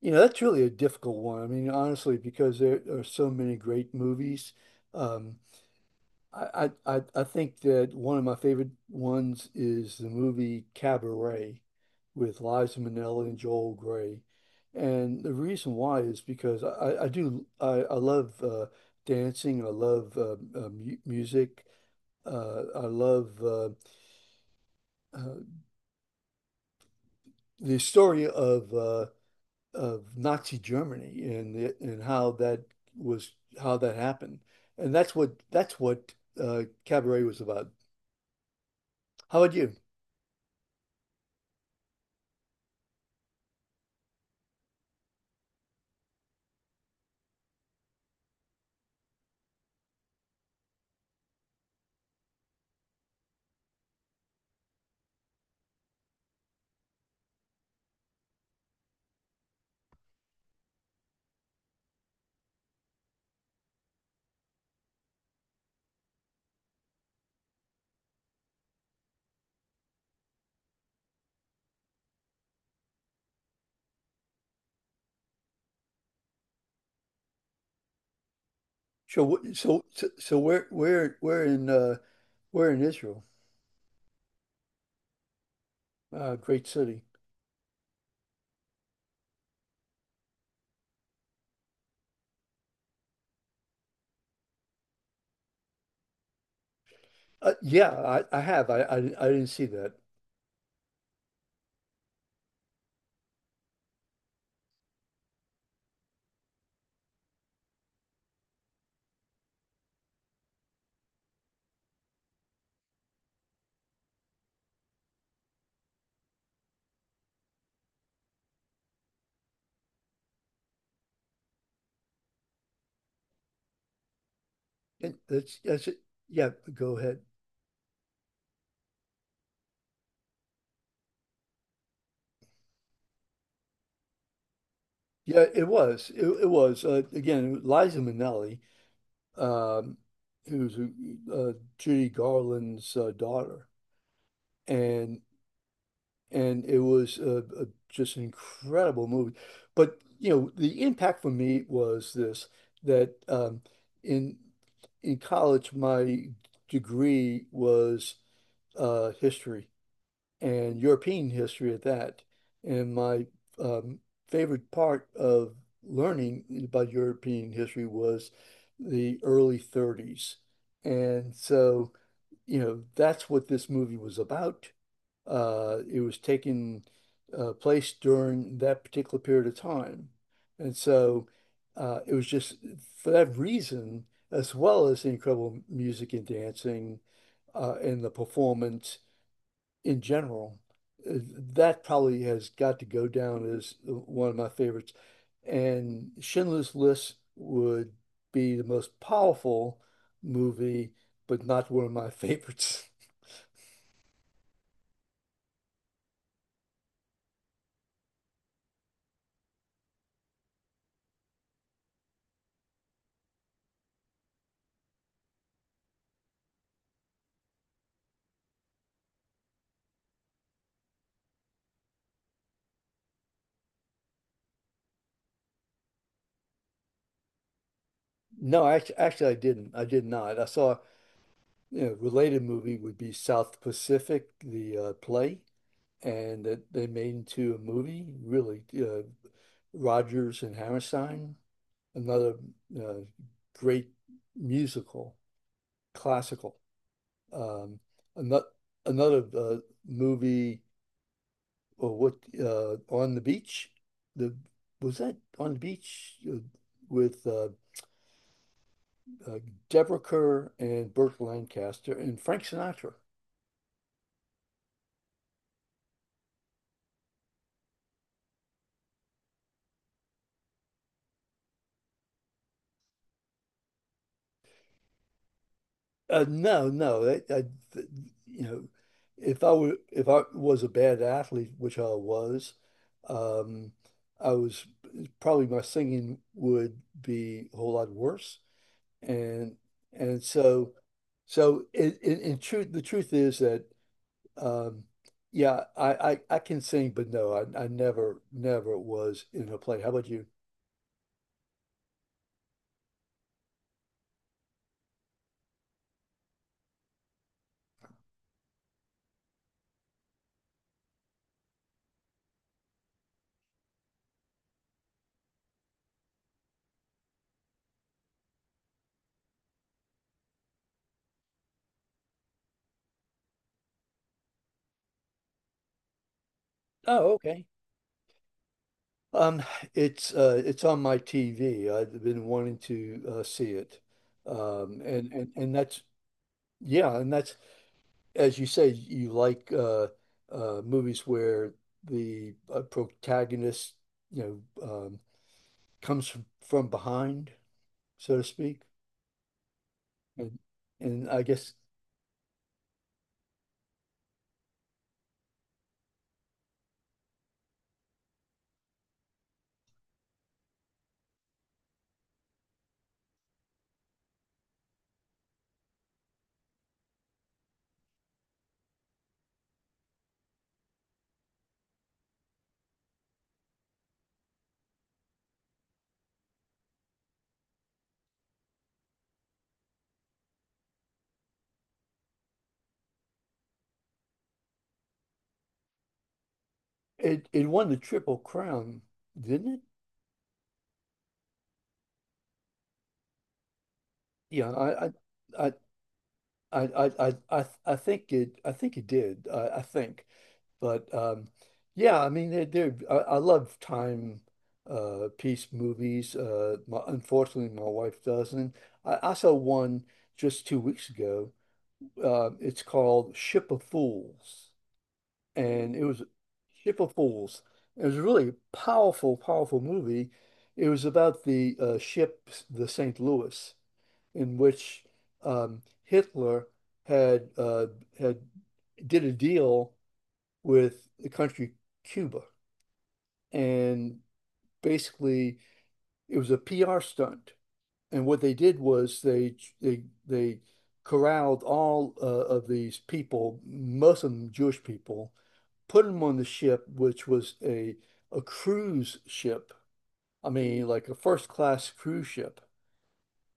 You know, that's really a difficult one. I mean, honestly, because there are so many great movies. Um, I think that one of my favorite ones is the movie Cabaret with Liza Minnelli and Joel Gray. And the reason why is because I love dancing. I love mu music. I love uh, the story of Nazi Germany and how that was how that happened. And that's what Cabaret was about. How about you? So we're in Israel, great city. Yeah, I have. I didn't see that. That's it. Yeah, go ahead. Yeah, it was. It was. Again, Liza Minnelli, um, who's Judy Garland's daughter, and it was a, just an incredible movie. But you know, the impact for me was this that in in college, my degree was history and European history at that, and my um, favorite part of learning about European history was the early '30s, and so. You know, that's what this movie was about, it was taking place during that particular period of time. And so it was just for that reason, as well as the incredible music and dancing, and the performance in general, uh, that probably has got to go down as one of my favorites. And Schindler's List would be the most powerful movie, but not one of my favorites. No, actually, actually, I didn't. I did not. I saw, you know, related movie would be South Pacific, the play, and that they made into a movie, really. Rodgers and Hammerstein, another uh, great musical, classical. Um, another another movie, or what, On the Beach? The was that On the Beach with uh, Deborah Kerr and Burt Lancaster and Frank Sinatra? No, no. Th- you know, if I was a bad athlete, which I was, um, I was probably my singing would be a whole lot worse. And and so, so in truth, the truth is that um, yeah, I can sing, but no, I never was in a play. How about you? Oh, okay. Um, it's on my TV. I've been wanting to see it, and that's, yeah, and that's, as you say, you like movies where the protagonist, you know, comes from behind, so to speak, and I guess it won the Triple Crown, didn't it? Yeah, I I think it did. I think. But yeah, I mean, I love time piece movies. My, unfortunately, my wife doesn't. I saw one just 2 weeks ago. It's called Ship of Fools, and it was Ship of Fools. It was a really powerful, powerful movie. It was about the ship, the St. Louis, in which Hitler had uh, had did a deal with the country Cuba, and basically it was a PR stunt. And what they did was they corralled all of these people, Muslim Jewish people, put them on the ship, which was a cruise ship. I mean, like a first class cruise ship.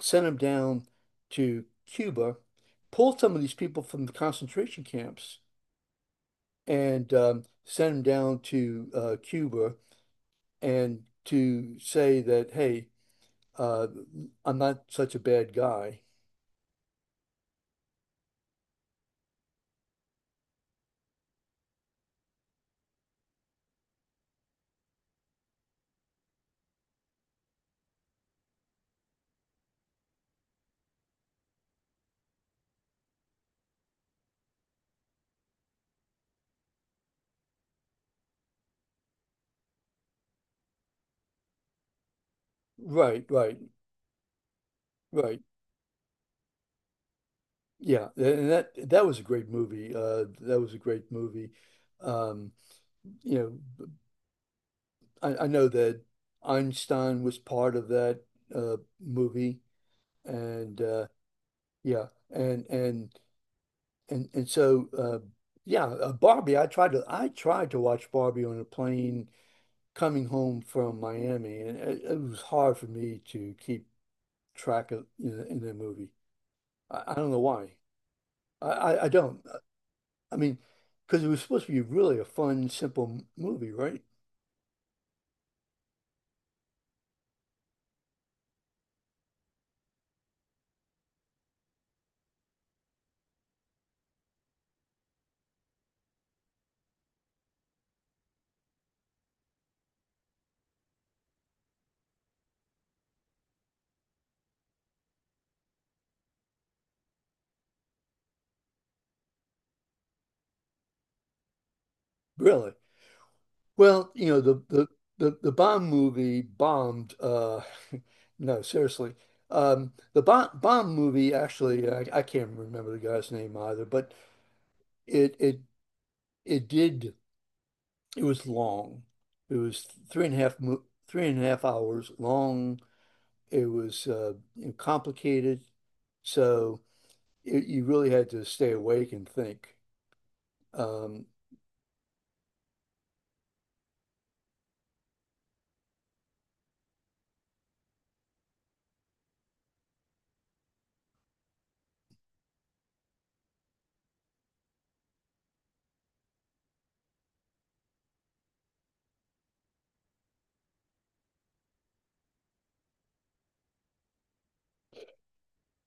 Sent them down to Cuba, pulled some of these people from the concentration camps, and sent them down to Cuba and to say that, hey, uh, I'm not such a bad guy. Right, right, right. Yeah, and that that was a great movie. That was a great movie. Um, you know, I know that Einstein was part of that movie, and yeah, and so yeah, Barbie. I tried to watch Barbie on a plane coming home from Miami, and it was hard for me to keep track of in the movie. I don't know why. I don't. I mean, because it was supposed to be really a fun, simple movie, right? Really. Well, you know, the bomb movie bombed. No, seriously. The bomb movie actually, I can't remember the guy's name either, but it it did. It was long. It was three and a half hours long. It was, you know, complicated. So, it, you really had to stay awake and think. Um,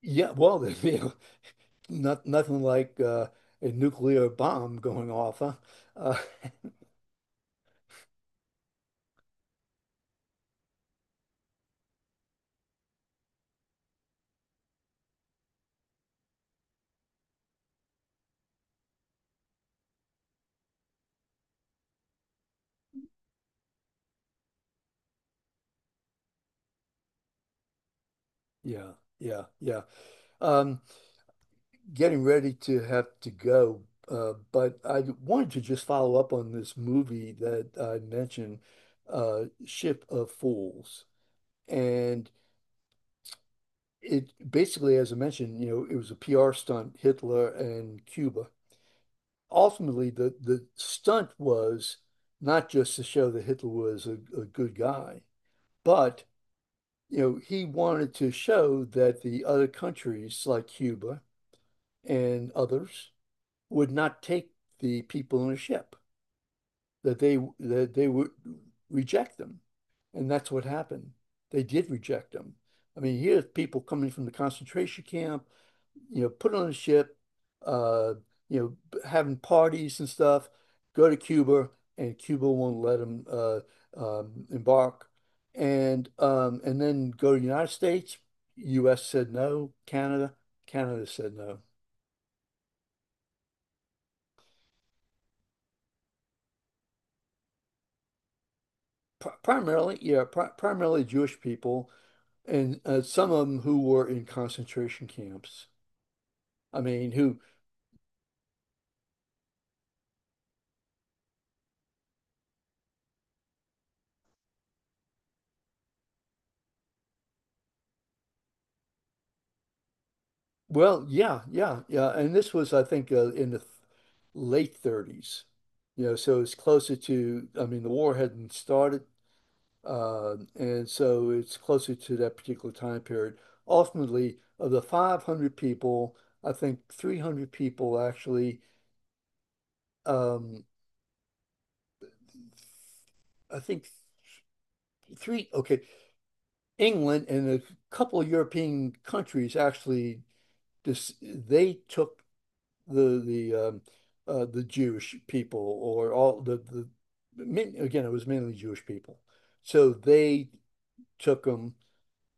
yeah, well, you know, nothing like a nuclear bomb going off, huh? Uh, yeah, yeah, yeah. Um, Getting ready to have to go, but I wanted to just follow up on this movie that I mentioned, Ship of Fools, and it basically, as I mentioned, you know, it was a PR stunt, Hitler and Cuba. Ultimately, the stunt was not just to show that Hitler was a good guy, but you know he wanted to show that the other countries like Cuba and others would not take the people in a ship, that they would reject them, and that's what happened. They did reject them. I mean, here's people coming from the concentration camp, you know, put on a ship, uh, you know, having parties and stuff, go to Cuba, and Cuba won't let them embark, and then go to the United States. U.S. said no. Canada, Canada said no. Primarily, yeah, primarily Jewish people, and some of them who were in concentration camps. I mean, who. Well, yeah, yeah, yeah. And this was, I think, in the th late '30s, you know, so it's closer to, I mean, the war hadn't started. And so it's closer to that particular time period. Ultimately, of the 500 people, I think 300 people actually, um, I think three, okay, England and a couple of European countries actually, this, they took the the um, the Jewish people, or all the again it was mainly Jewish people, so they took them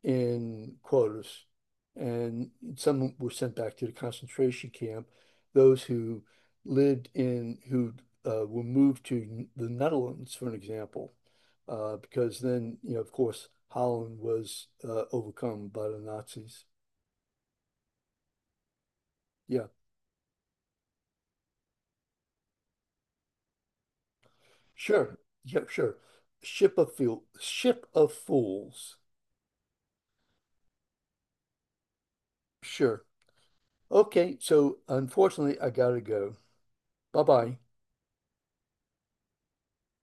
in quotas, and some were sent back to the concentration camp. Those who lived in, who were moved to the Netherlands, for an example, because then you know of course Holland was overcome by the Nazis. Yeah. Sure. Yeah, sure. Ship of Fool. Ship of Fools. Sure. Okay, so unfortunately, I gotta go. Bye-bye.